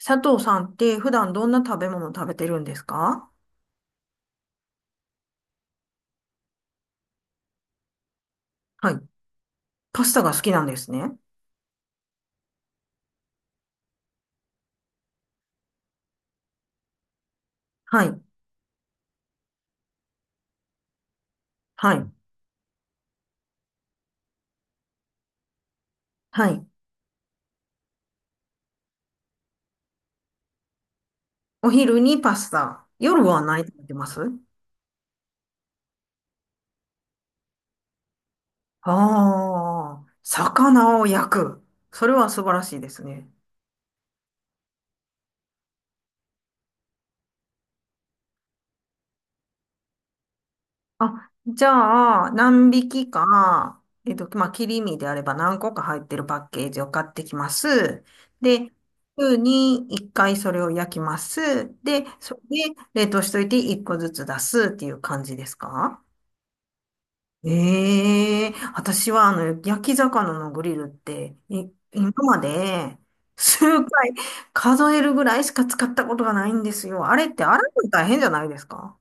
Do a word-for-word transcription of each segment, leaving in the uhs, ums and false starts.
佐藤さんって普段どんな食べ物食べてるんですか？はい。パスタが好きなんですね。はい。はい。はい。お昼にパスタ。夜は何食べてます？ああー、魚を焼く。それは素晴らしいですね。あ、じゃあ、何匹か、えっと、まあ、切り身であれば何個か入ってるパッケージを買ってきます。で、週にいっかいそれを焼きます。で、それで冷凍しといていっこずつ出すっていう感じですか？ええー、私はあの、焼き魚のグリルって、い、今まで数回数えるぐらいしか使ったことがないんですよ。あれって洗うの大変じゃないですか？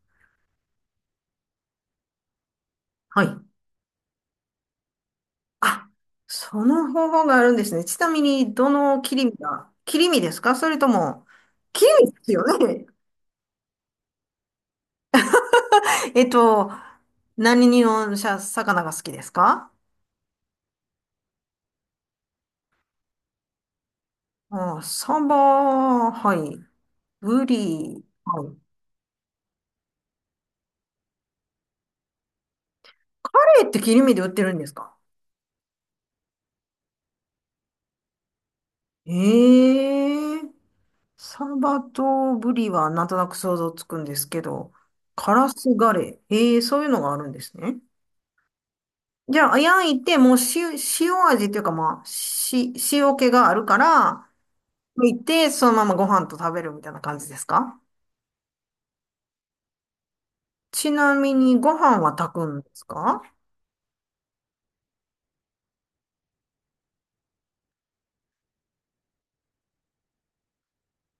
はい。あ、その方法があるんですね。ちなみに、どの切り身が、切り身ですか、それとも、切り身ですよね。えっと、何にのしゃ魚が好きですか？あ、サバ、はい。ブリ、はい。カレーって切り身で売ってるんですか？ええー、サバとブリはなんとなく想像つくんですけど、カラスガレー。ええー、そういうのがあるんですね。じゃあ、焼いて、もう塩、塩味っていうか、まあ、し、塩気があるから、焼いて、そのままご飯と食べるみたいな感じですか？ちなみに、ご飯は炊くんですか？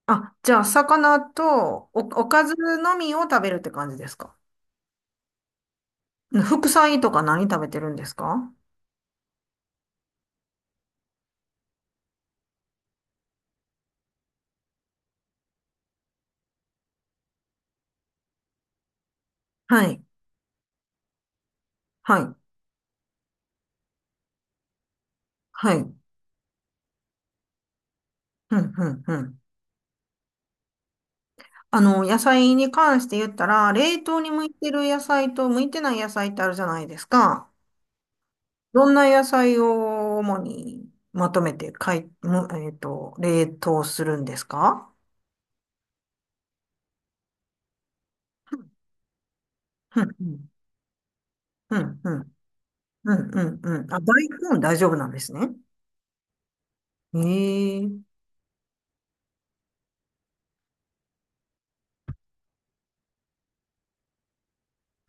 あ、じゃあ、魚とお、おかずのみを食べるって感じですか？副菜とか何食べてるんですか？はい、はい、はい。うん、うん、うん。あの、野菜に関して言ったら、冷凍に向いてる野菜と向いてない野菜ってあるじゃないですか。どんな野菜を主にまとめてかい、むえっと、冷凍するんですか？うん、うん、うん、うん、うん、うん。あ、大根大丈夫なんですね。ええ、うん、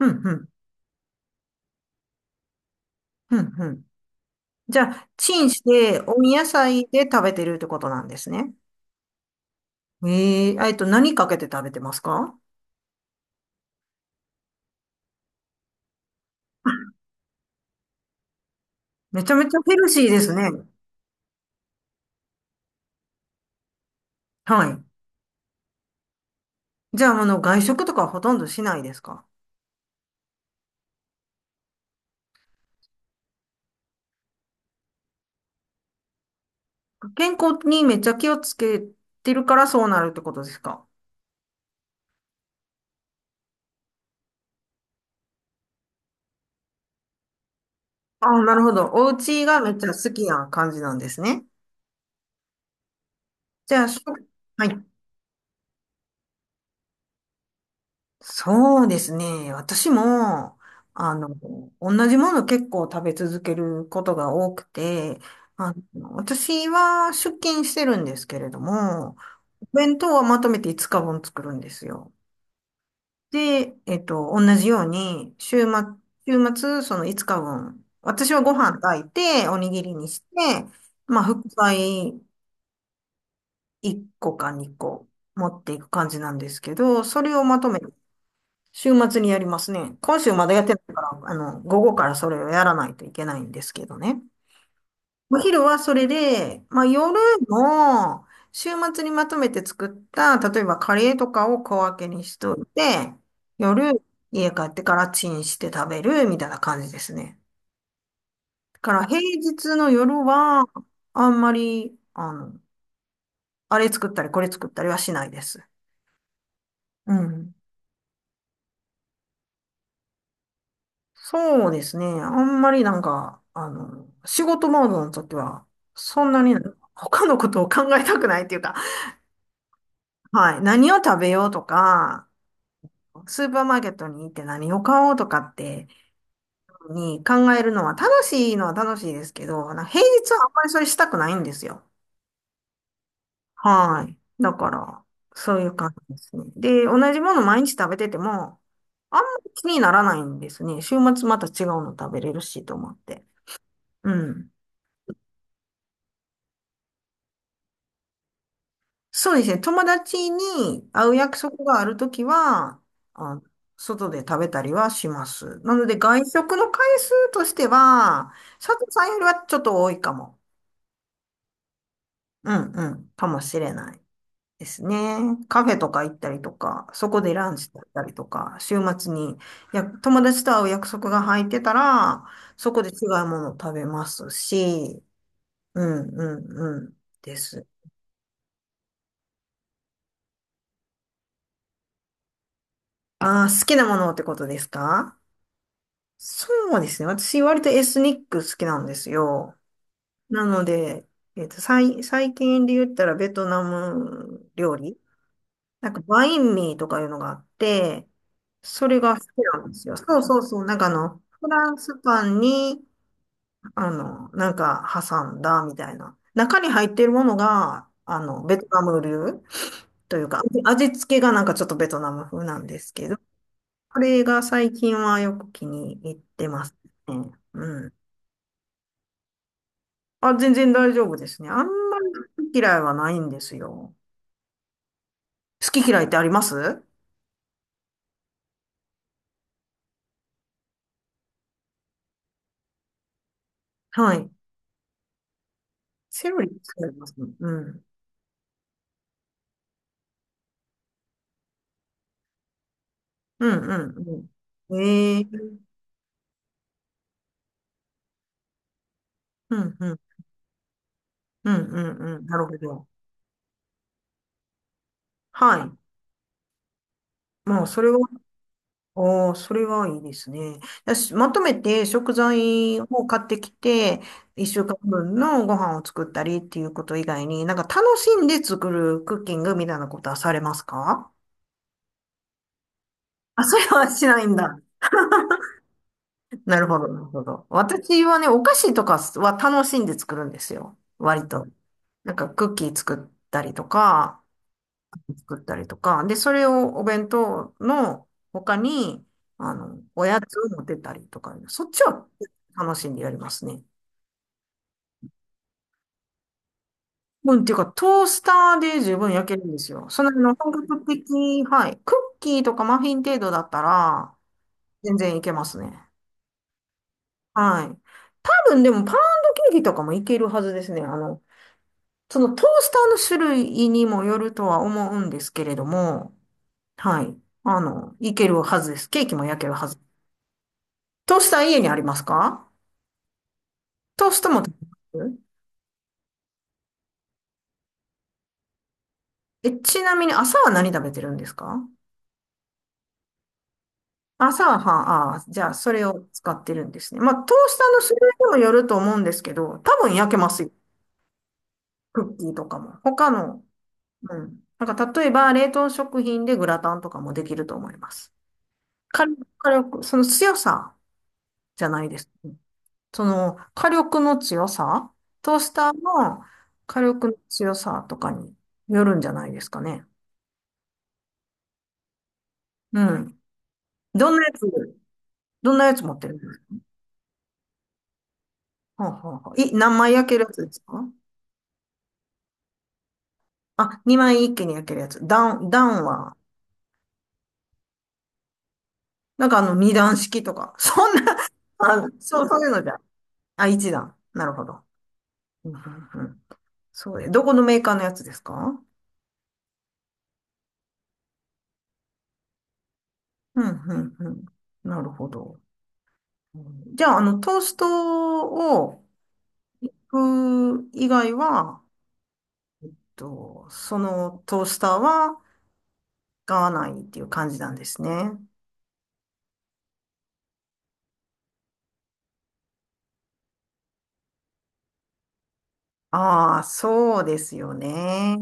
うん、うん、うん。じゃあ、チンして、温野菜で食べてるってことなんですね。ええ、えっと、何かけて食べてますか？めちゃめちゃヘルシーですね。はい。じゃあ、あの、外食とかはほとんどしないですか？健康にめっちゃ気をつけてるからそうなるってことですか？あ、なるほど。お家がめっちゃ好きな感じなんですね。じゃあ、しょ、はい。そうですね。私も、あの、同じもの結構食べ続けることが多くて、あの、私は出勤してるんですけれども、お弁当はまとめていつかぶん作るんですよ。で、えっと、同じように、週末、週末、そのいつかぶん、私はご飯炊いて、おにぎりにして、まあ、副菜いっこかにこ持っていく感じなんですけど、それをまとめ、週末にやりますね。今週まだやってないから、あの、午後からそれをやらないといけないんですけどね。お昼はそれで、まあ夜の週末にまとめて作った、例えばカレーとかを小分けにしといて、夜家帰ってからチンして食べるみたいな感じですね。だから平日の夜はあんまり、あの、あれ作ったりこれ作ったりはしないです。うん。そうですね。あんまりなんか、あの、仕事モードの時は、そんなに他のことを考えたくないっていうか、はい。何を食べようとか、スーパーマーケットに行って何を買おうとかってに考えるのは楽しいのは楽しいですけど、なんか平日はあんまりそれしたくないんですよ。はい。だから、そういう感じですね。で、同じもの毎日食べてても、あんまり気にならないんですね。週末また違うの食べれるしと思って。うん。そうですね。友達に会う約束があるときは、あ、外で食べたりはします。なので、外食の回数としては、佐藤さんよりはちょっと多いかも。うんうん。かもしれないですね。カフェとか行ったりとか、そこでランチだったりとか、週末にや友達と会う約束が入ってたら、そこで違うものを食べますし、うんうんうんです。あー、好きなものってことですか？そうですね。私、割とエスニック好きなんですよ。なので、えっと、最、最近で言ったらベトナム料理、なんか、バインミーとかいうのがあって、それが好きなんですよ。そうそうそう。なんかあの、フランスパンに、あの、なんか挟んだみたいな。中に入っているものが、あの、ベトナム流というか、味味付けがなんかちょっとベトナム風なんですけど、これが最近はよく気に入ってますね。うん。あ、全然大丈夫ですね。あんまり好き嫌いはないんですよ。好き嫌いってあります？はい。セロリ使いますね。うん。うん、うん、うん。ええ、うん、うん、うん、うん、うん。なるほど。はい。まあ、それは、おー、それはいいですね。だしまとめて食材を買ってきて、一週間分のご飯を作ったりっていうこと以外に、なんか楽しんで作るクッキングみたいなことはされますか？あ、それはしないんだ。なるほど、なるほど。私はね、お菓子とかは楽しんで作るんですよ。割と。なんかクッキー作ったりとか、作ったりとか。で、それをお弁当の他に、あの、おやつを持ってたりとか、そっちは楽しんでやりますね。うん、っていうか、トースターで十分焼けるんですよ。その、あの、本格的、はい。クッキーとかマフィン程度だったら、全然いけますね。はい。多分、でも、パウンドケーキとかもいけるはずですね。あの、そのトースターの種類にもよるとは思うんですけれども、はい。あの、いけるはずです。ケーキも焼けるはず。トースター家にありますか？トーストも食べます？え、ちなみに朝は何食べてるんですか？朝は、はああ、じゃあそれを使ってるんですね。まあ、トースターの種類にもよると思うんですけど、多分焼けますよ。クッキーとかも。他の、うん。なんか例えば冷凍食品でグラタンとかもできると思います。火力、火力、その強さじゃないです。その火力の強さ、トースターの火力の強さとかによるんじゃないですかね。うん。どんなやつ、どんなやつ持ってるんですか？はあはあはあい、何枚焼けるやつですか？あ、にまい一気に焼けるやつ。ダウン、ダウンは、なんかあの二段式とか、そんな、あ、そう、そういうのじゃ。あ、一段。なるほど。うんうんうん、そうで、どこのメーカーのやつですか？うん、うん、うん。なるほど。うん、じゃあ、あの、トーストを、行く以外は、えっと、そのトースターは使わないっていう感じなんですね。ああ、そうですよね。